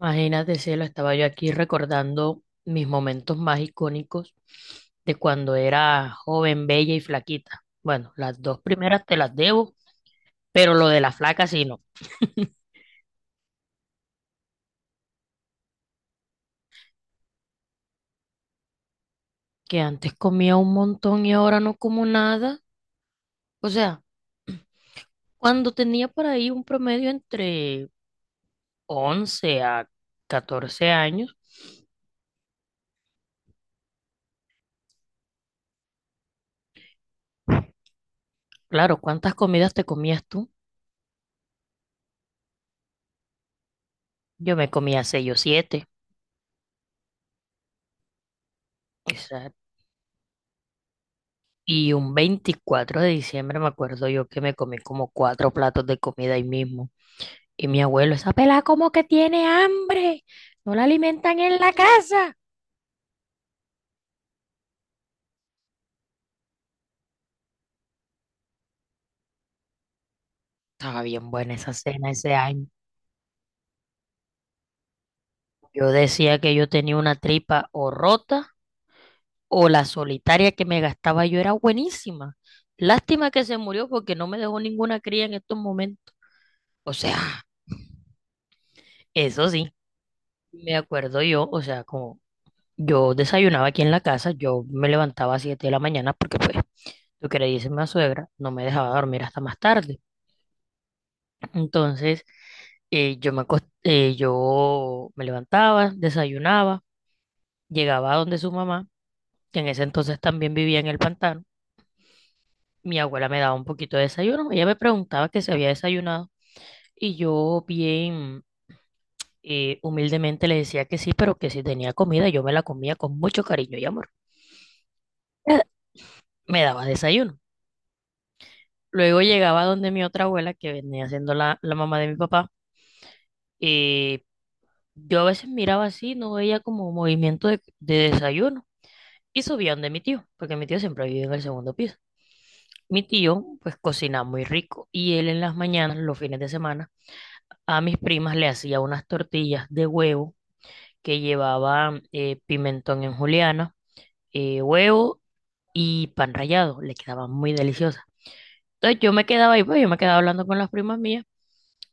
Imagínate, cielo, estaba yo aquí recordando mis momentos más icónicos de cuando era joven, bella y flaquita. Bueno, las dos primeras te las debo, pero lo de la flaca sí no. Que antes comía un montón y ahora no como nada. O sea, cuando tenía por ahí un promedio entre 11 a 14 años, claro, ¿cuántas comidas te comías tú? Yo me comía 6 o 7. Y un 24 de diciembre me acuerdo yo que me comí como cuatro platos de comida ahí mismo. Y mi abuelo, esa pelada como que tiene hambre, no la alimentan en la casa. Estaba bien buena esa cena ese año. Yo decía que yo tenía una tripa o rota o la solitaria que me gastaba yo era buenísima. Lástima que se murió porque no me dejó ninguna cría en estos momentos. O sea, eso sí, me acuerdo yo, o sea, como. Yo desayunaba aquí en la casa, yo me levantaba a 7 de la mañana porque pues lo que le dice mi suegra no me dejaba dormir hasta más tarde. Entonces yo me levantaba, desayunaba, llegaba a donde su mamá, que en ese entonces también vivía en el pantano. Mi abuela me daba un poquito de desayuno, ella me preguntaba que si había desayunado y yo bien humildemente le decía que sí, pero que si tenía comida yo me la comía con mucho cariño y amor. Eh, Me daba desayuno. Luego llegaba donde mi otra abuela, que venía siendo la mamá de mi papá, y yo a veces miraba así, no veía como movimiento de desayuno. Y subía donde mi tío, porque mi tío siempre vive en el segundo piso. Mi tío, pues, cocina muy rico. Y él en las mañanas, los fines de semana, a mis primas le hacía unas tortillas de huevo que llevaban pimentón en juliana, huevo y pan rallado. Le quedaban muy deliciosas. Entonces yo me quedaba ahí, pues yo me quedaba hablando con las primas mías.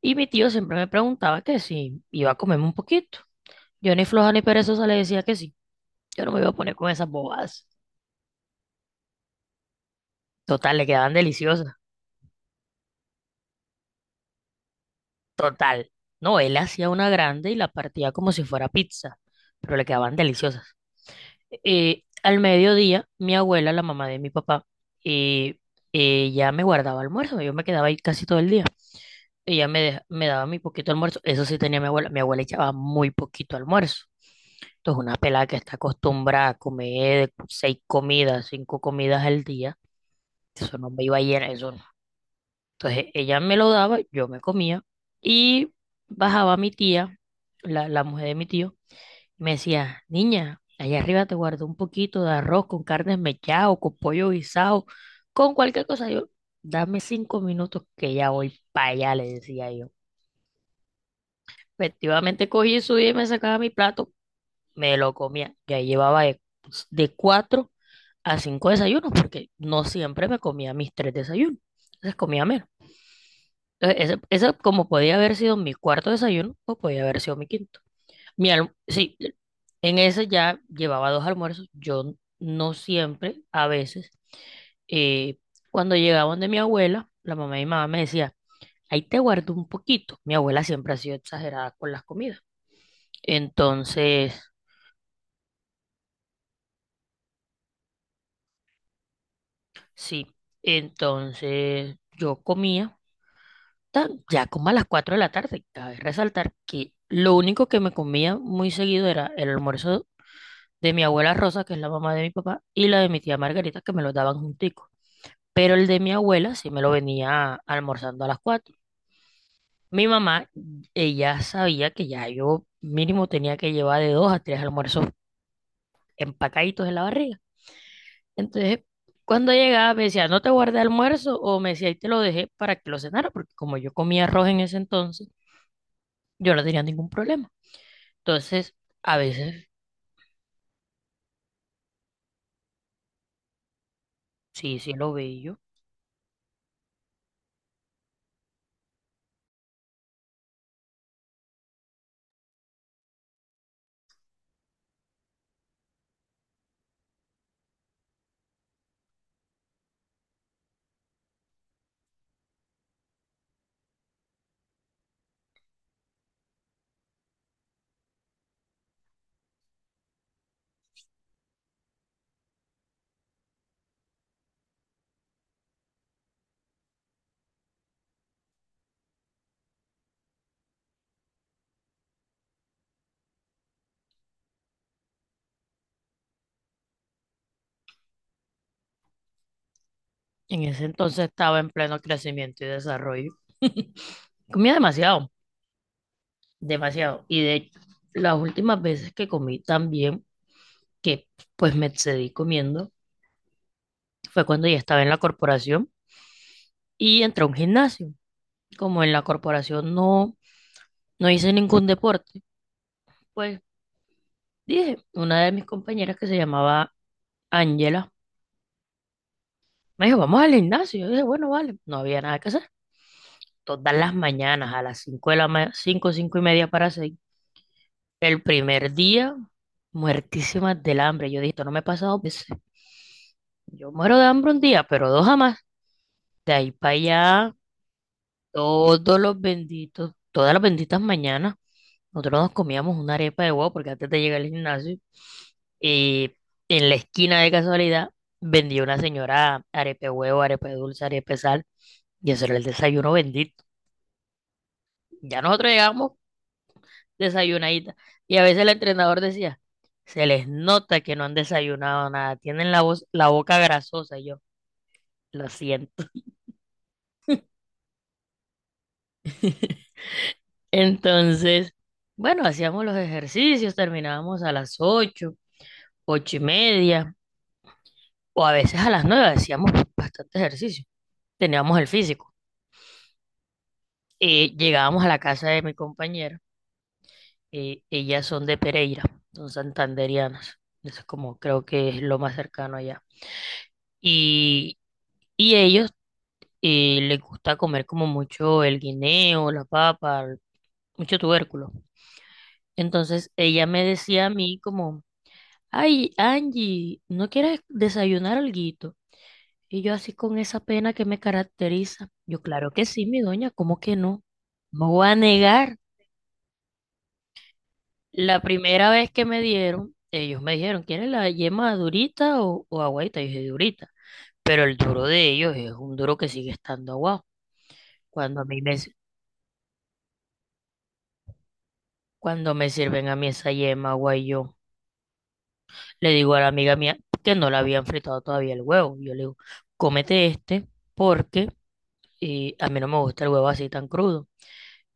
Y mi tío siempre me preguntaba que si iba a comerme un poquito. Yo ni floja ni perezosa le decía que sí. Yo no me iba a poner con esas bobadas. Total, le quedaban deliciosas. Total. No, él hacía una grande y la partía como si fuera pizza, pero le quedaban deliciosas. Al mediodía, mi abuela, la mamá de mi papá, eh, ella me guardaba almuerzo. Yo me quedaba ahí casi todo el día. Ella me daba mi poquito almuerzo. Eso sí tenía mi abuela. Mi abuela echaba muy poquito almuerzo. Entonces, una pelada que está acostumbrada a comer seis comidas, cinco comidas al día, eso no me iba a llenar, eso no. Entonces, ella me lo daba, yo me comía y bajaba mi tía, la mujer de mi tío, y me decía, niña, allá arriba te guardo un poquito de arroz con carne mechada o con pollo guisado, con cualquier cosa. Yo, dame 5 minutos que ya voy para allá, le decía yo. Efectivamente cogí, subí, me sacaba mi plato, me lo comía. Ya llevaba de, pues, de cuatro a cinco desayunos, porque no siempre me comía mis tres desayunos. Entonces comía menos. Entonces, ese como podía haber sido mi cuarto desayuno, o podía haber sido mi quinto. Sí, en ese ya llevaba dos almuerzos. Yo no siempre, a veces, eh, cuando llegaban de mi abuela, la mamá y mi mamá me decía, ahí te guardo un poquito. Mi abuela siempre ha sido exagerada con las comidas. Entonces, sí, entonces yo comía ya como a las 4 de la tarde. Cabe resaltar que lo único que me comía muy seguido era el almuerzo de mi abuela Rosa, que es la mamá de mi papá, y la de mi tía Margarita, que me lo daban juntico. Pero el de mi abuela sí me lo venía almorzando a las 4. Mi mamá, ella sabía que ya yo mínimo tenía que llevar de dos a tres almuerzos empacaditos en la barriga. Entonces, cuando llegaba me decía, no te guardé almuerzo o me decía, ahí te lo dejé para que lo cenara, porque como yo comía arroz en ese entonces, yo no tenía ningún problema. Entonces, a veces, sí, sí lo veía. En ese entonces estaba en pleno crecimiento y desarrollo. Comía demasiado, demasiado. Y de hecho, las últimas veces que comí también, que pues me excedí comiendo, fue cuando ya estaba en la corporación y entré a un gimnasio. Como en la corporación no, no hice ningún deporte, pues dije, una de mis compañeras que se llamaba Ángela, me dijo, vamos al gimnasio. Yo dije, bueno, vale, no había nada que hacer. Todas las mañanas a las 5 de la mañana, 5 5 y media para 6. El primer día, muertísima del hambre. Yo dije, esto no me ha pasado veces. Yo muero de hambre un día, pero dos jamás. De ahí para allá, todas las benditas mañanas. Nosotros nos comíamos una arepa de huevo porque antes de llegar al gimnasio, eh, en la esquina de casualidad vendía una señora arepa de huevo, arepa de dulce, arepa de sal, y eso era el desayuno bendito. Ya nosotros llegábamos desayunadita, y a veces el entrenador decía, se les nota que no han desayunado nada, tienen la voz, la boca grasosa, y yo, lo siento. Entonces, bueno, hacíamos los ejercicios, terminábamos a las 8, 8 y media, o a veces a las 9 hacíamos bastante ejercicio. Teníamos el físico. Llegábamos a la casa de mi compañera. Ellas son de Pereira, son santanderianas. Eso es como creo que es lo más cercano allá. Y, y ellos les gusta comer como mucho el guineo, la papa, mucho tubérculo. Entonces ella me decía a mí como, ay, Angie, ¿no quieres desayunar algo? Y yo así con esa pena que me caracteriza. Yo, claro que sí, mi doña, ¿cómo que no? No voy a negar. La primera vez que me dieron, ellos me dijeron, ¿quieres la yema durita o agüita? Yo dije, durita. Pero el duro de ellos es un duro que sigue estando aguado. Cuando a mí me, s- cuando me sirven a mí esa yema, guay, yo le digo a la amiga mía que no la habían fritado todavía el huevo. Yo le digo, cómete este porque a mí no me gusta el huevo así tan crudo.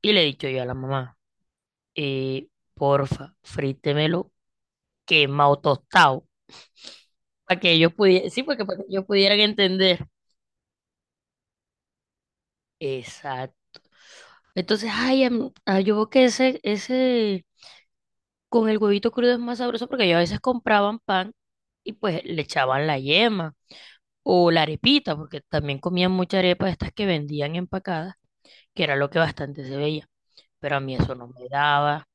Y le he dicho yo a la mamá. eh, porfa, frítemelo quemado tostado, para que ellos pudieran, sí, porque para que ellos pudieran entender. Exacto. Entonces, ay, yo veo que ese con el huevito crudo es más sabroso porque ellos a veces compraban pan y pues le echaban la yema o la arepita, porque también comían mucha arepa de estas que vendían empacadas, que era lo que bastante se veía, pero a mí eso no me daba.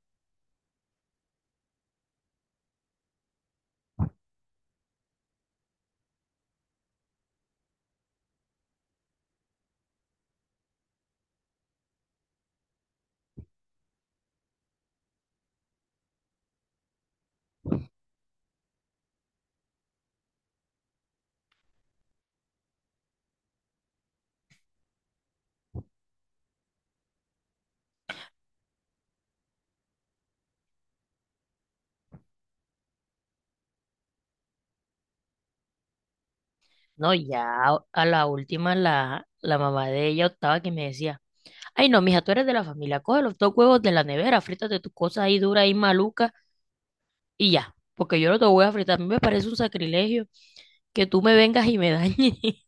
No, ya a la última la mamá de ella optaba que me decía, ay, no, mija, tú eres de la familia. Coge los dos huevos de la nevera, frítate tus cosas ahí duras y malucas y ya. Porque yo no te voy a fritar. A mí me parece un sacrilegio que tú me vengas y me dañes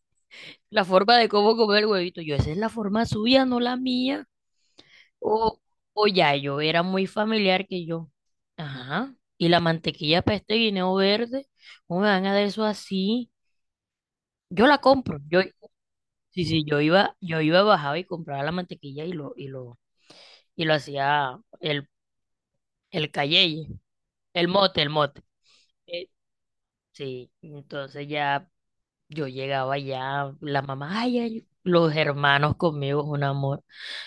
la forma de cómo comer el huevito. Yo, esa es la forma suya, no la mía. O, o ya, yo era muy familiar que yo. Ajá. Y la mantequilla para este guineo verde, ¿cómo me van a dar eso así? Yo la compro. Yo, sí, sí, yo iba, bajaba y compraba la mantequilla y lo hacía el cayeye. El mote, el mote. Eh, sí, entonces ya yo llegaba ya, la mamá, ay, ay, los hermanos conmigo, es un amor.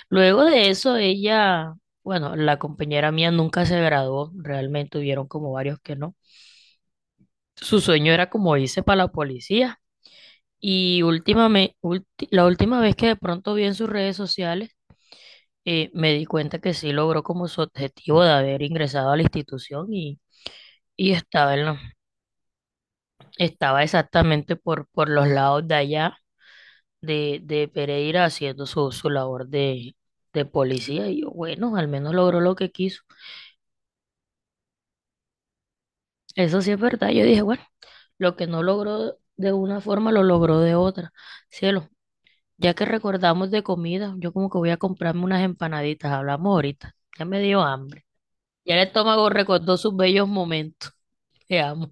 Luego de eso, ella, bueno, la compañera mía nunca se graduó, realmente hubieron como varios que no. Su sueño era como irse para la policía. Y últimamente, la última vez que de pronto vi en sus redes sociales, me di cuenta que sí logró como su objetivo de haber ingresado a la institución y estaba exactamente por los lados de allá de Pereira haciendo su labor de policía. Y yo, bueno, al menos logró lo que quiso. Eso sí es verdad. Yo dije, bueno, lo que no logró de una forma, lo logró de otra. Cielo, ya que recordamos de comida, yo como que voy a comprarme unas empanaditas. Hablamos ahorita. Ya me dio hambre. Ya el estómago recordó sus bellos momentos. Te amo.